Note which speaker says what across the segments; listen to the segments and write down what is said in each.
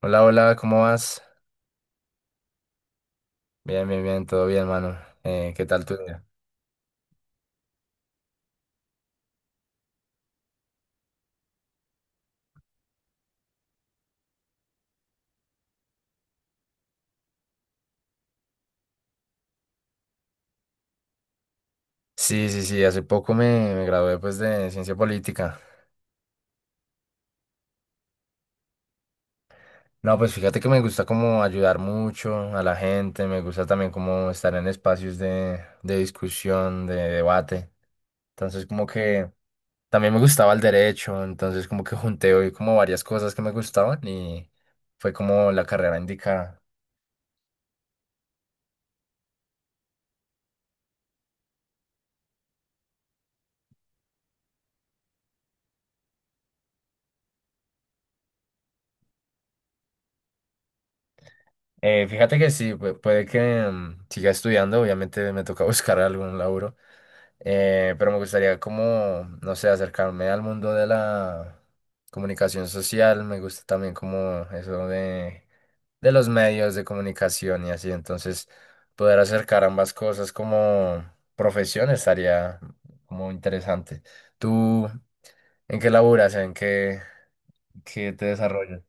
Speaker 1: Hola, hola, ¿cómo vas? Bien, bien, bien, todo bien, mano. ¿Qué tal tu día? Sí, sí, sí, hace poco me gradué pues de ciencia política. No, pues fíjate que me gusta como ayudar mucho a la gente, me gusta también como estar en espacios de discusión, de debate. Entonces como que también me gustaba el derecho, entonces como que junté hoy como varias cosas que me gustaban y fue como la carrera indicada. Fíjate que sí, puede que siga estudiando, obviamente me toca buscar algún laburo, pero me gustaría como, no sé, acercarme al mundo de la comunicación social, me gusta también como eso de los medios de comunicación y así, entonces poder acercar ambas cosas como profesión estaría como interesante. ¿Tú en qué laburas? ¿En qué, qué te desarrollas?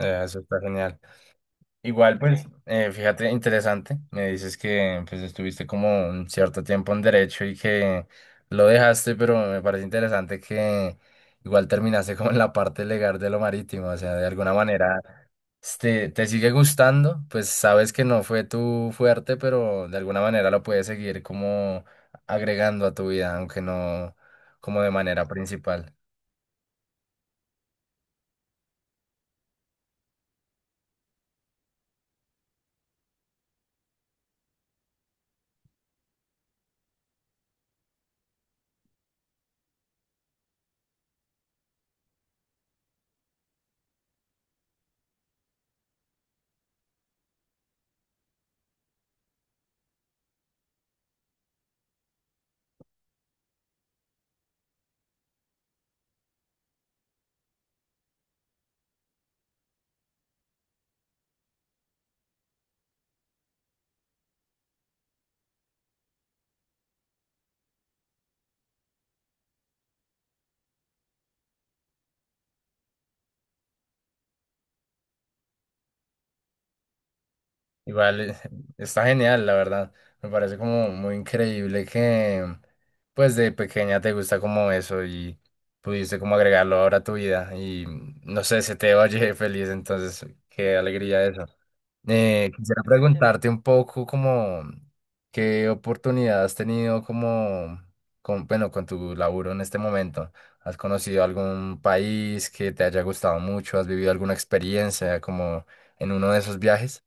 Speaker 1: Eso está genial. Igual, pues, fíjate, interesante. Me dices que pues estuviste como un cierto tiempo en derecho y que lo dejaste, pero me parece interesante que igual terminaste como en la parte legal de lo marítimo, o sea, de alguna manera este, te sigue gustando, pues sabes que no fue tu fuerte, pero de alguna manera lo puedes seguir como agregando a tu vida, aunque no como de manera principal. Igual, está genial, la verdad. Me parece como muy increíble que, pues, de pequeña te gusta como eso y pudiste como agregarlo ahora a tu vida. Y no sé, se te oye feliz, entonces, qué alegría eso. Quisiera preguntarte un poco como qué oportunidad has tenido como, con, bueno, con tu laburo en este momento. ¿Has conocido algún país que te haya gustado mucho? ¿Has vivido alguna experiencia como en uno de esos viajes?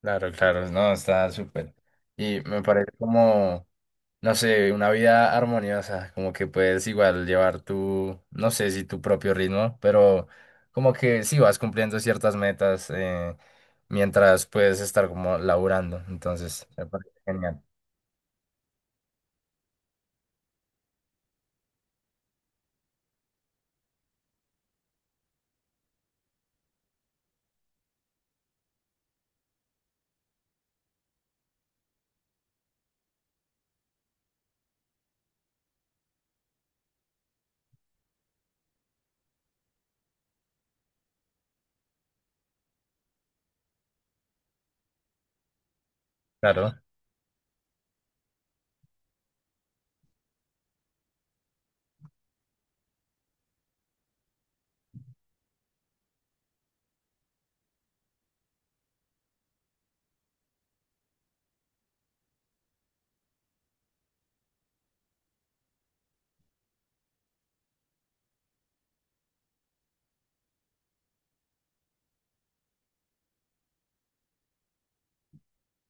Speaker 1: Claro, claro, no, está súper. Y me parece como, no sé, una vida armoniosa, como que puedes igual llevar tu, no sé si tu propio ritmo, pero como que sí vas cumpliendo ciertas metas mientras puedes estar como laburando, entonces me parece genial. Claro,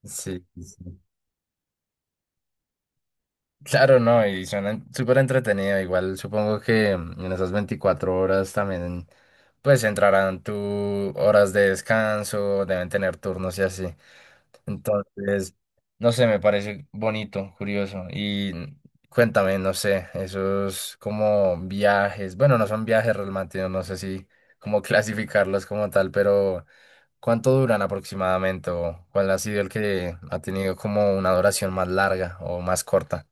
Speaker 1: sí, sí. Sí. Claro, no, y suena súper entretenido, igual supongo que en esas 24 horas también, pues entrarán tus horas de descanso, deben tener turnos y así. Entonces, no sé, me parece bonito, curioso. Y cuéntame, no sé, esos como viajes, bueno, no son viajes realmente, no sé si cómo clasificarlos como tal, pero ¿cuánto duran aproximadamente? ¿O cuál ha sido el que ha tenido como una duración más larga o más corta?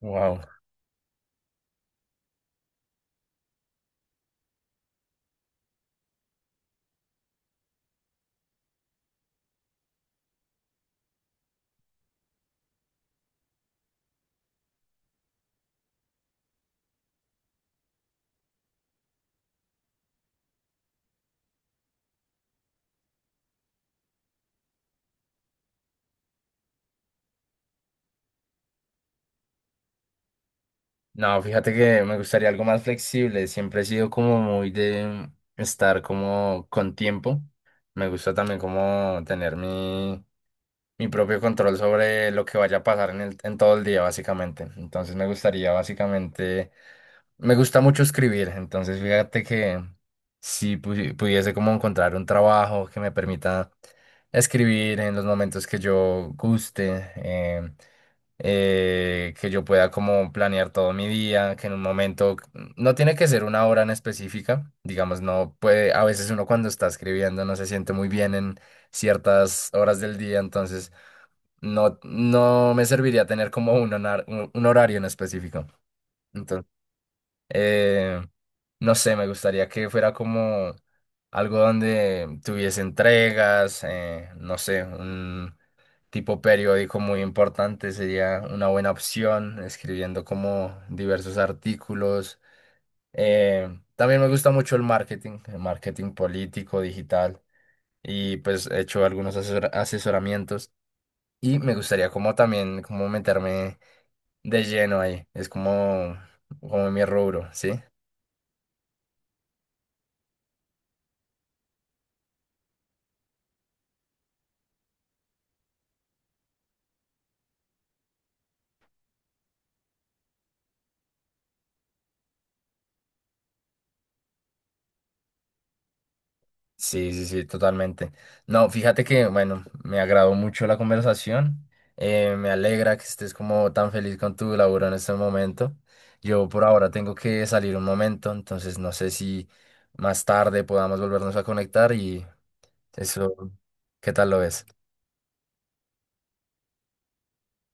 Speaker 1: Wow. No, fíjate que me gustaría algo más flexible. Siempre he sido como muy de estar como con tiempo. Me gusta también como tener mi propio control sobre lo que vaya a pasar en el, en todo el día, básicamente. Entonces me gustaría, básicamente, me gusta mucho escribir, entonces fíjate que si pudiese como encontrar un trabajo que me permita escribir en los momentos que yo guste, que yo pueda como planear todo mi día, que en un momento, no tiene que ser una hora en específica, digamos, no puede, a veces uno cuando está escribiendo no se siente muy bien en ciertas horas del día, entonces no, no me serviría tener como un, un horario en específico. Entonces, eh, no sé, me gustaría que fuera como algo donde tuviese entregas, no sé, un tipo periódico muy importante sería una buena opción, escribiendo como diversos artículos. Eh, También me gusta mucho el marketing político, digital, y pues he hecho algunos asesoramientos. Y me gustaría como también como meterme de lleno ahí. Es como, como mi rubro, ¿sí? Sí, sí, sí, totalmente. No, fíjate que, bueno, me agradó mucho la conversación. Me alegra que estés como tan feliz con tu laburo en este momento. Yo por ahora tengo que salir un momento, entonces no sé si más tarde podamos volvernos a conectar y eso, ¿qué tal lo ves?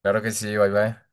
Speaker 1: Claro que sí, bye bye.